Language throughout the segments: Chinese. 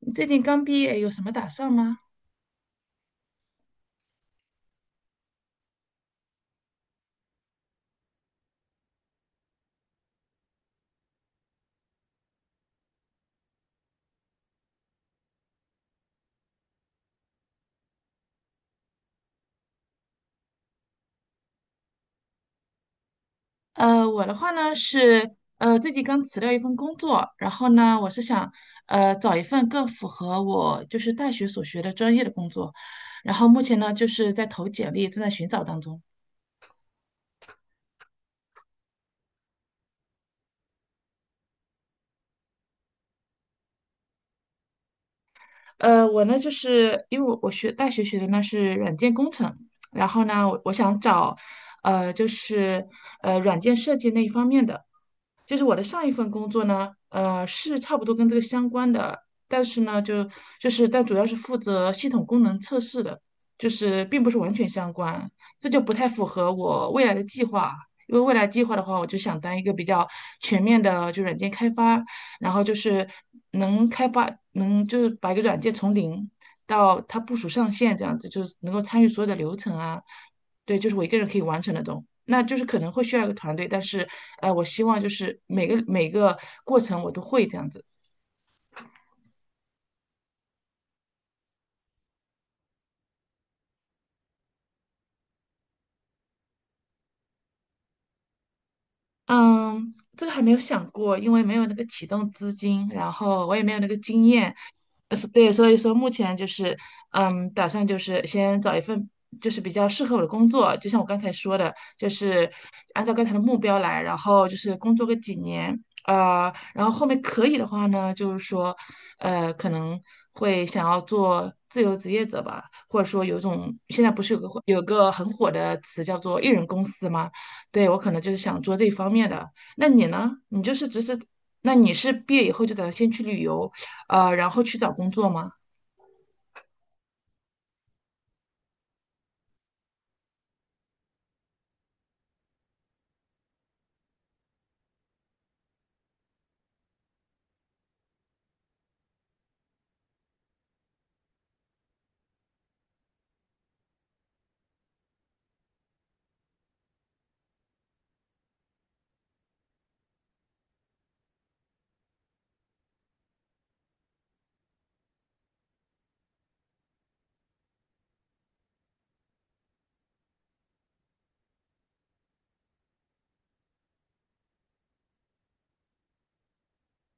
你最近刚毕业，有什么打算吗？我的话呢是，最近刚辞掉一份工作，然后呢，我是想，找一份更符合我就是大学所学的专业的工作，然后目前呢就是在投简历，正在寻找当中。我呢就是因为我学大学学的呢是软件工程，然后呢，我想找，呃，就是软件设计那一方面的。就是我的上一份工作呢，是差不多跟这个相关的，但是呢，但主要是负责系统功能测试的，就是并不是完全相关，这就不太符合我未来的计划。因为未来计划的话，我就想当一个比较全面的，就软件开发，然后就是能开发，能就是把一个软件从零到它部署上线这样子，就是能够参与所有的流程啊，对，就是我一个人可以完成那种。那就是可能会需要一个团队，但是我希望就是每个过程我都会这样子。嗯，这个还没有想过，因为没有那个启动资金，然后我也没有那个经验，是对，所以说目前就是，嗯，打算就是先找一份就是比较适合我的工作，就像我刚才说的，就是按照刚才的目标来，然后就是工作个几年，然后后面可以的话呢，就是说，可能会想要做自由职业者吧，或者说有一种现在不是有个很火的词叫做艺人公司吗？对，我可能就是想做这一方面的。那你呢？你就是只是，那你是毕业以后就打算先去旅游？啊，然后去找工作吗？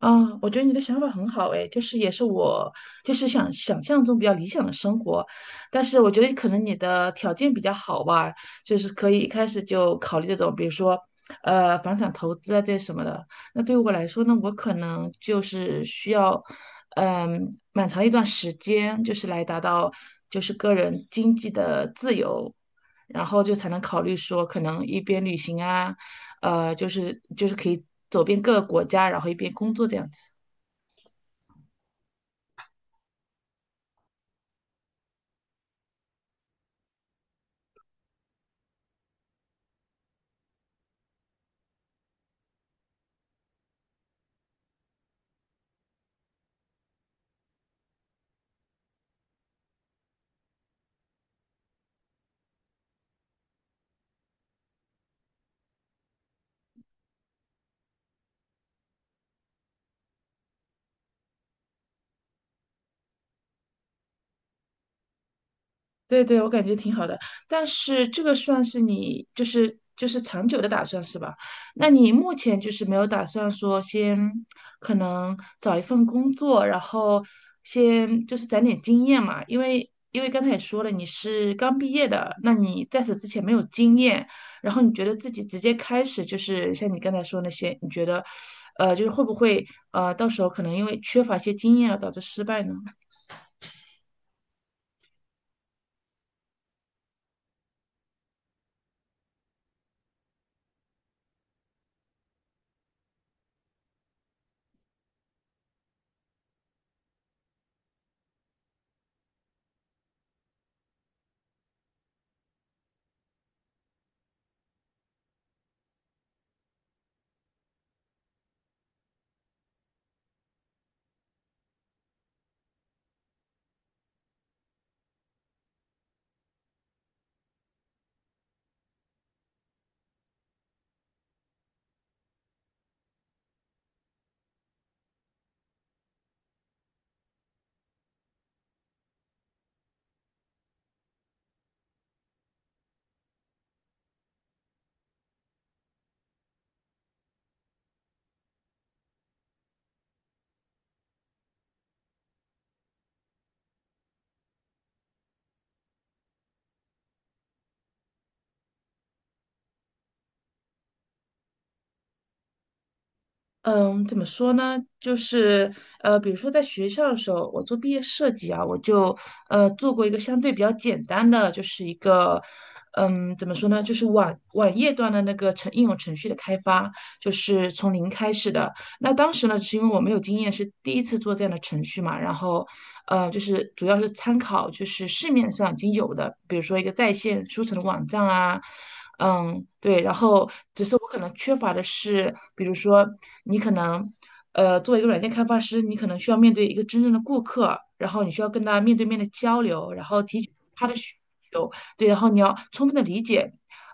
啊，我觉得你的想法很好诶，也是我想象中比较理想的生活，但是我觉得可能你的条件比较好吧，就是可以一开始就考虑这种，比如说房产投资啊这些什么的。那对于我来说呢，我可能就是需要嗯蛮长一段时间，就是来达到就是个人经济的自由，然后就才能考虑说可能一边旅行啊。可以走遍各个国家，然后一边工作这样子。对对，我感觉挺好的，但是这个算是你就是长久的打算是吧？那你目前就是没有打算说先可能找一份工作，然后先就是攒点经验嘛？因为刚才也说了你是刚毕业的，那你在此之前没有经验，然后你觉得自己直接开始就是像你刚才说那些，你觉得会不会到时候可能因为缺乏一些经验而导致失败呢？嗯，怎么说呢？就是比如说在学校的时候，我做毕业设计啊，我就做过一个相对比较简单的，就是一个嗯，怎么说呢？就是网页端的那个应用程序的开发，就是从零开始的。那当时呢，是因为我没有经验，是第一次做这样的程序嘛，然后，就是主要是参考就是市面上已经有的，比如说一个在线书城的网站啊，嗯，对，然后只是我可能缺乏的是，比如说你可能，作为一个软件开发师，你可能需要面对一个真正的顾客，然后你需要跟他面对面的交流，然后提取他的需求，对，然后你要充分的理解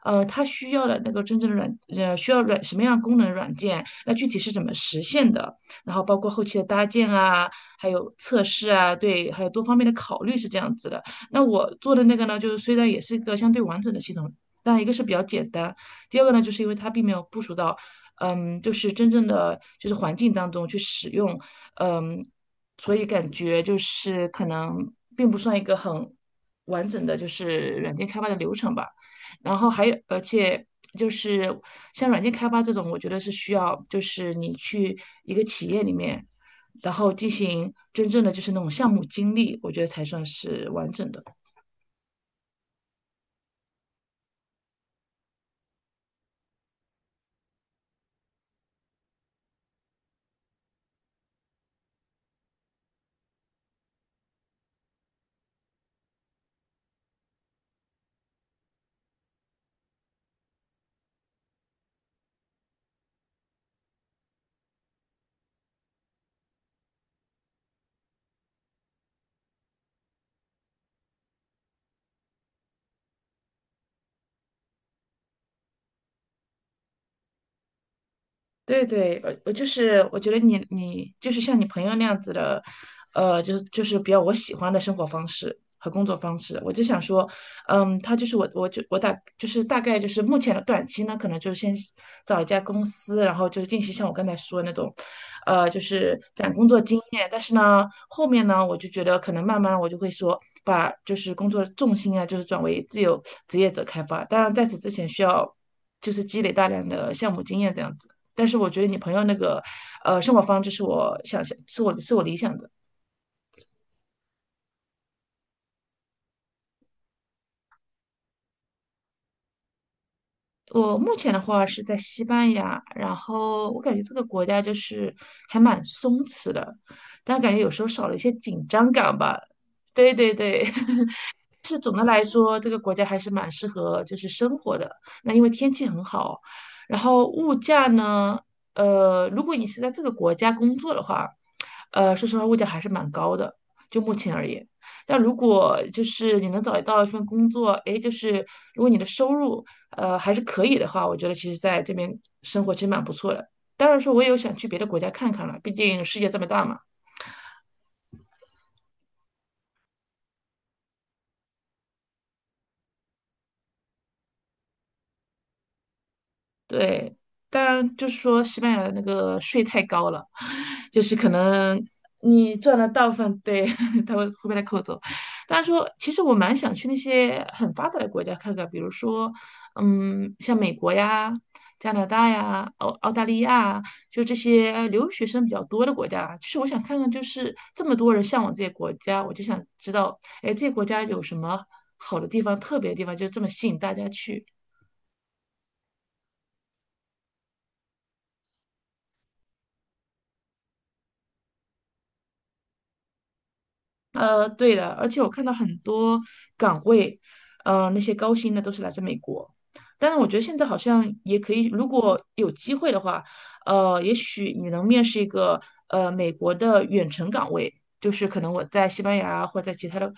它需要的那个真正的软，呃，需要软什么样的功能软件，那具体是怎么实现的，然后包括后期的搭建啊，还有测试啊，对，还有多方面的考虑是这样子的。那我做的那个呢，就是虽然也是一个相对完整的系统，但一个是比较简单，第二个呢，就是因为它并没有部署到，嗯，就是真正的就是环境当中去使用，嗯，所以感觉就是可能并不算一个很完整的就是软件开发的流程吧。然后还有，而且就是像软件开发这种，我觉得是需要就是你去一个企业里面，然后进行真正的就是那种项目经历，我觉得才算是完整的。对对，我就是我觉得你就是像你朋友那样子的，比较我喜欢的生活方式和工作方式。我就想说，嗯，他就是我我就我大就是大概就是目前的短期呢，可能就是先找一家公司，然后就是进行像我刚才说的那种，就是攒工作经验。但是呢，后面呢，我就觉得可能慢慢我就会说，把就是工作的重心啊，就是转为自由职业者开发。当然，在此之前需要就是积累大量的项目经验这样子。但是我觉得你朋友那个，生活方式是我是我理想的。我目前的话是在西班牙，然后我感觉这个国家就是还蛮松弛的，但感觉有时候少了一些紧张感吧。对对对，是总的来说，这个国家还是蛮适合就是生活的。那因为天气很好，然后物价呢，如果你是在这个国家工作的话，说实话，物价还是蛮高的，就目前而言。但如果就是你能找到一份工作，诶，就是如果你的收入还是可以的话，我觉得其实在这边生活其实蛮不错的。当然说，我也有想去别的国家看看了，毕竟世界这么大嘛。对，当然就是说西班牙的那个税太高了，就是可能你赚了大部分，对，他会被他扣走。但是说，其实我蛮想去那些很发达的国家看看，比如说，嗯，像美国呀、加拿大呀、澳大利亚，就这些留学生比较多的国家。其实我想看看，就是这么多人向往这些国家，我就想知道，哎，这些国家有什么好的地方、特别的地方，就这么吸引大家去。对的，而且我看到很多岗位，那些高薪的都是来自美国。但是我觉得现在好像也可以，如果有机会的话，也许你能面试一个美国的远程岗位，就是可能我在西班牙或者在其他的，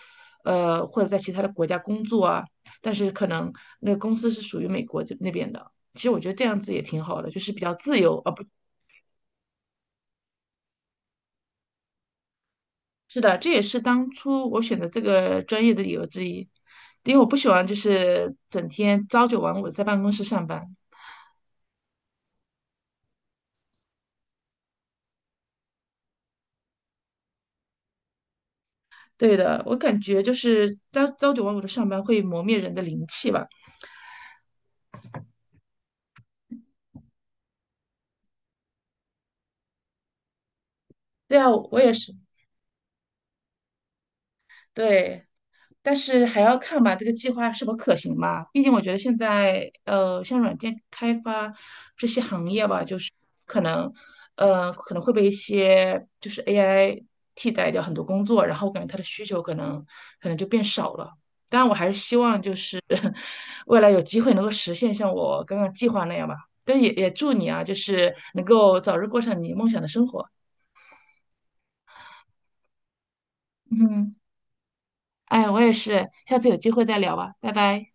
或者在其他的国家工作啊，但是可能那个公司是属于美国这那边的。其实我觉得这样子也挺好的，就是比较自由，而不是的，这也是当初我选择这个专业的理由之一，因为我不喜欢就是整天朝九晚五地在办公室上班。对的，我感觉就是朝九晚五的上班会磨灭人的灵气吧。对啊，我也是。对，但是还要看吧，这个计划是否可行吧。毕竟我觉得现在像软件开发可能，可能会被一些就是 AI 替代掉很多工作，然后我感觉它的需求可能就变少了。当然，我还是希望就是 未来有机会能够实现像我刚刚计划那样吧。但也祝你啊，就是能够早日过上你梦想的生活。嗯，哎，我也是，下次有机会再聊吧，拜拜。